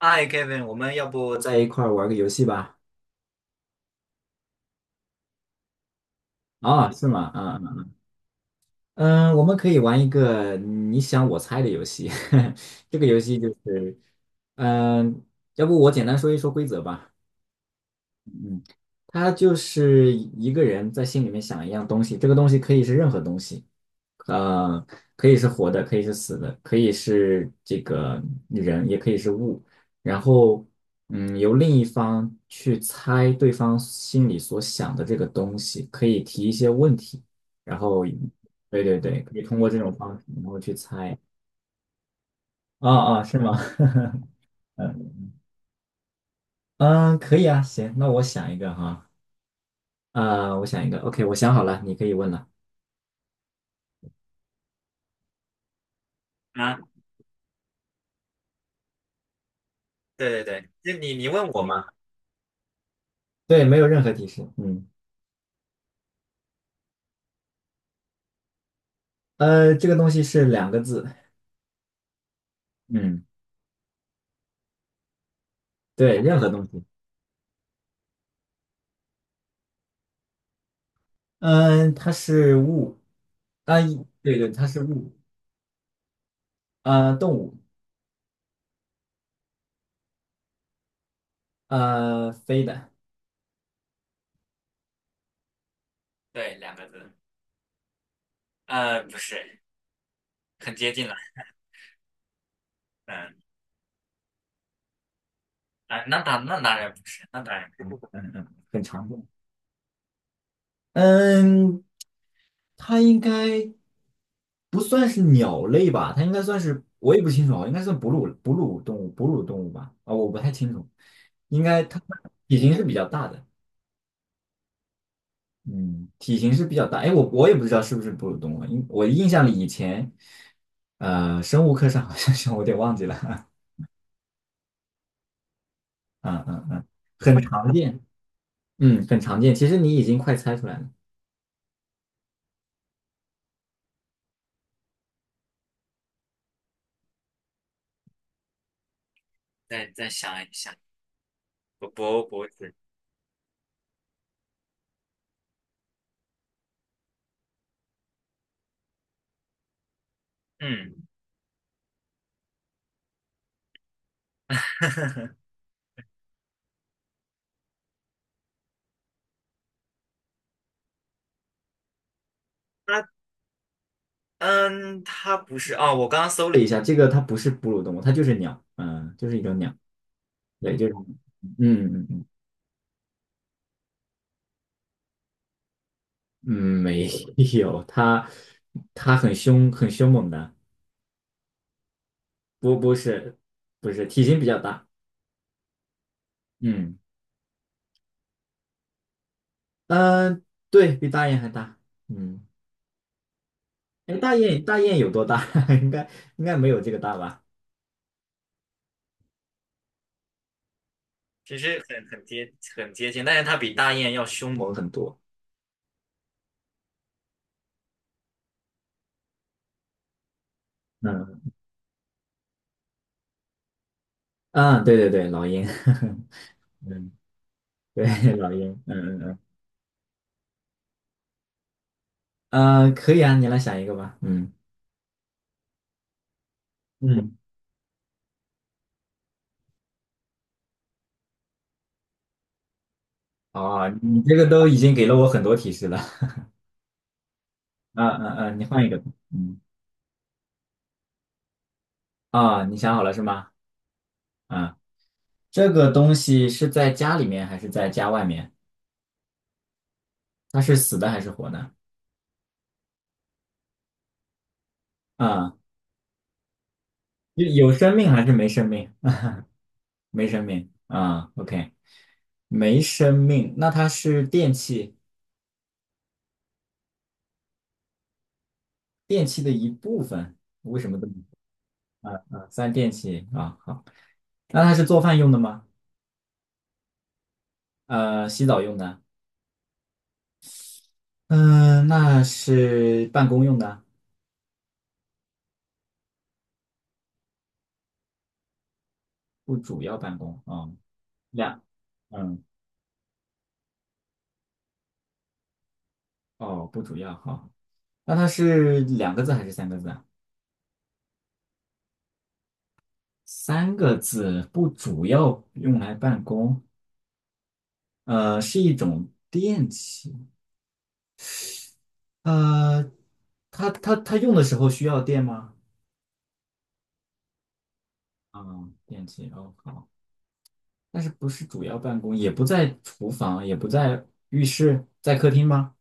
嗨，Kevin，我们要不在一块儿玩个游戏吧？啊、是吗？啊、嗯，嗯，我们可以玩一个你想我猜的游戏。这个游戏就是，嗯，要不我简单说一说规则吧？嗯，他就是一个人在心里面想一样东西，这个东西可以是任何东西，呃，可以是活的，可以是死的，可以是这个人，也可以是物。然后，嗯，由另一方去猜对方心里所想的这个东西，可以提一些问题，然后，对对对，可以通过这种方式，然后去猜。啊啊，是吗？嗯，可以啊，行，那我想一个哈，啊，我想一个，OK，我想好了，你可以问了。啊，对对对，就你问我嘛，对，没有任何提示。嗯，这个东西是两个字。嗯，对，任何东西。嗯、它是物。啊、对对，它是物。呃，动物。呃，飞的。对，两个字，呃，不是，很接近了，嗯，啊，那当那当然不是，那当然不是，嗯嗯，很常见。嗯，它应该不算是鸟类吧？它应该算是，我也不清楚啊，应该算哺乳动物，哺乳动物吧？啊，我不太清楚，应该它体型是比较大的，嗯，体型是比较大。哎，我也不知道是不是哺乳动物啊，因我印象里以前，生物课上好像是，我有点忘记了，嗯嗯嗯，很常见，嗯，很常见。其实你已经快猜出来了，再想一想，不不不是，嗯，它嗯，它不是啊，我刚刚搜了一下，这个它不是哺乳动物，它就是鸟，嗯，就是一种鸟，对，就是，嗯嗯嗯，嗯没有，它它很凶，很凶猛的，不不是不是，体型比较大，嗯嗯，对比大雁还大，嗯，哎，大雁有多大？应该应该没有这个大吧？其实很很接近，但是它比大雁要凶猛很多，嗯嗯，对对对，老鹰，嗯，对 老鹰，嗯嗯嗯。可以啊，你来想一个吧。嗯，嗯，哦，你这个都已经给了我很多提示了。嗯嗯嗯，你换一个。嗯，啊、你想好了是吗？啊，这个东西是在家里面还是在家外面？它是死的还是活的？啊，有有生命还是没生命？没生命。啊，OK，没生命。那它是电器，电器的一部分。为什么这么？说？啊啊，算电器啊，好。那它是做饭用的吗？洗澡用的？嗯，那是办公用的，不主要办公。啊，两，嗯，哦，不主要。好，那它是两个字还是三个字啊？三个字，不主要用来办公。是一种电器。呃，它用的时候需要电吗？嗯，电器。哦，好，但是不是主要办公，也不在厨房，也不在浴室，在客厅吗？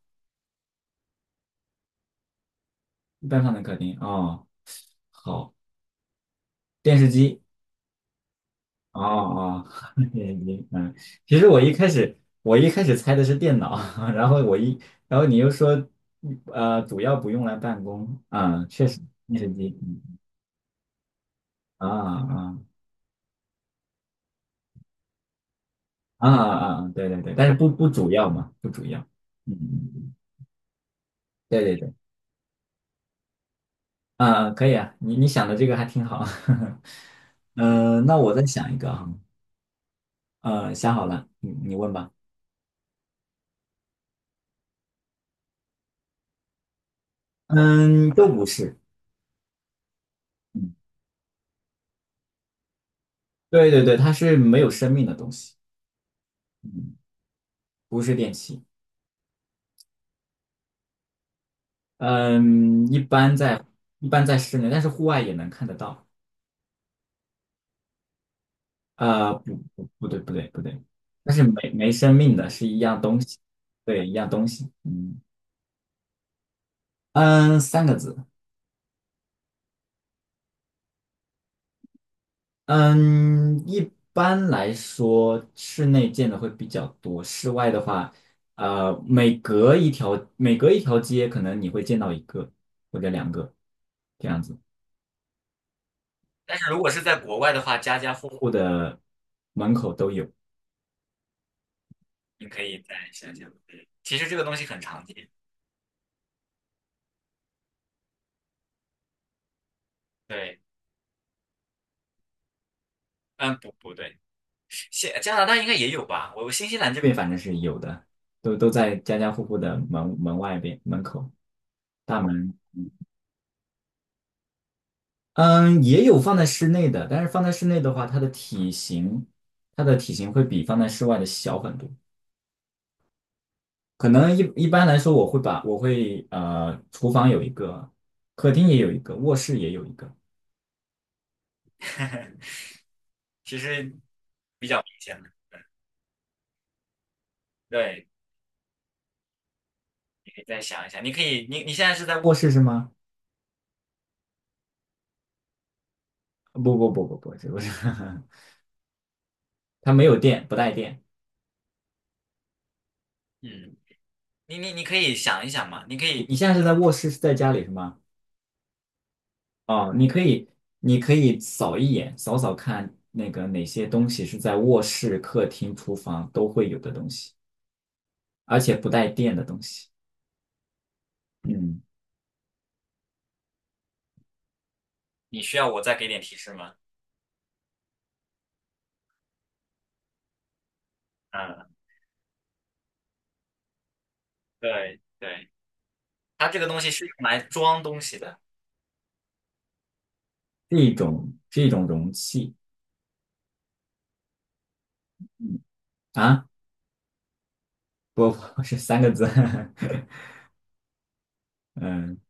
一般放在客厅。哦，好，电视机。哦哦，眼嗯，其实我一开始猜的是电脑，然后我一然后你又说，主要不用来办公，啊，确实电视机，嗯啊啊啊啊，啊对对对，但是不主要嘛，不主要，嗯嗯嗯对对对，啊啊可以啊，你想的这个还挺好，嗯、那我再想一个啊，想好了，你问吧，嗯，都不是，嗯，对对对，它是没有生命的东西，嗯，不是电器。嗯，一般在室内，但是户外也能看得到。不不不对不对不对，但是没没生命的是一样东西，对，一样东西。嗯嗯，三个字。嗯，一般来说室内见的会比较多，室外的话，每隔一条每隔一条街，可能你会见到一个或者两个这样子。但是如果是在国外的话，家家户户的门口都有。你可以再想想。嗯其实这个东西很常见。对，嗯，不不对，新加拿大应该也有吧？我新西兰这边反正是有的，都都在家家户户的门外边门口大门。嗯，也有放在室内的，但是放在室内的话，它的体型，它的体型会比放在室外的小很多。可能一般来说，我会厨房有一个，客厅也有一个，卧室也有一个。其实，对，可以再想一想。你可以，你现在是在卧室是吗？不不不不不，这不是，它没有电，不带电。嗯，你可以想一想嘛，你可以你现在是在卧室，是在家里是吗？哦，你可以，你可以扫一眼，扫看那个哪些东西是在卧室、客厅、厨房都会有的东西，而且不带电的东西。嗯，你需要我再给点提示吗？嗯，对对，它这个东西是用来装东西的，是一种容器。嗯啊。波波是三个字，嗯，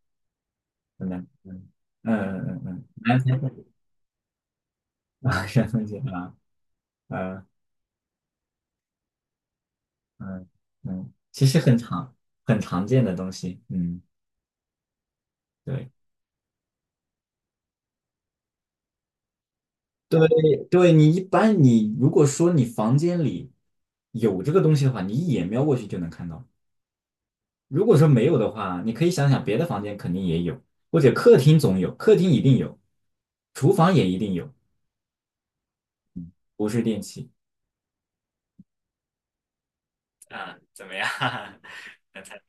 真嗯嗯嗯嗯嗯，南方啊，山东鸡啊，嗯嗯嗯，其实很常见的东西，嗯，对对对，你一般你如果说你房间里有这个东西的话，你一眼瞄过去就能看到。如果说没有的话，你可以想想别的房间肯定也有，或者客厅总有，客厅一定有，厨房也一定有，不是电器。啊，怎么样？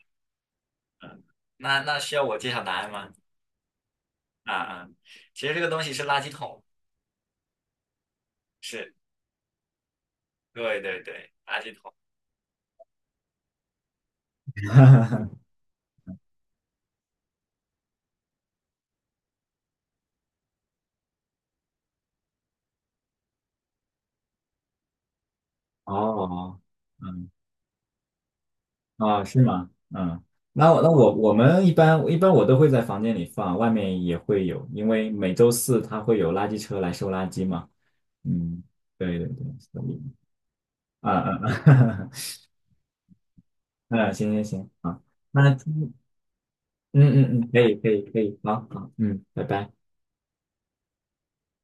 那那需要我揭晓答案吗？啊啊，其实这个东西是垃圾桶，是，对对对，垃圾桶。哦，嗯，啊，是吗？嗯，那我我们一般一般我都会在房间里放，外面也会有，因为每周四它会有垃圾车来收垃圾嘛。嗯，对对对，所以啊啊啊，嗯，行行行，好，那今嗯嗯嗯，可以可以可以，好好，嗯，拜拜。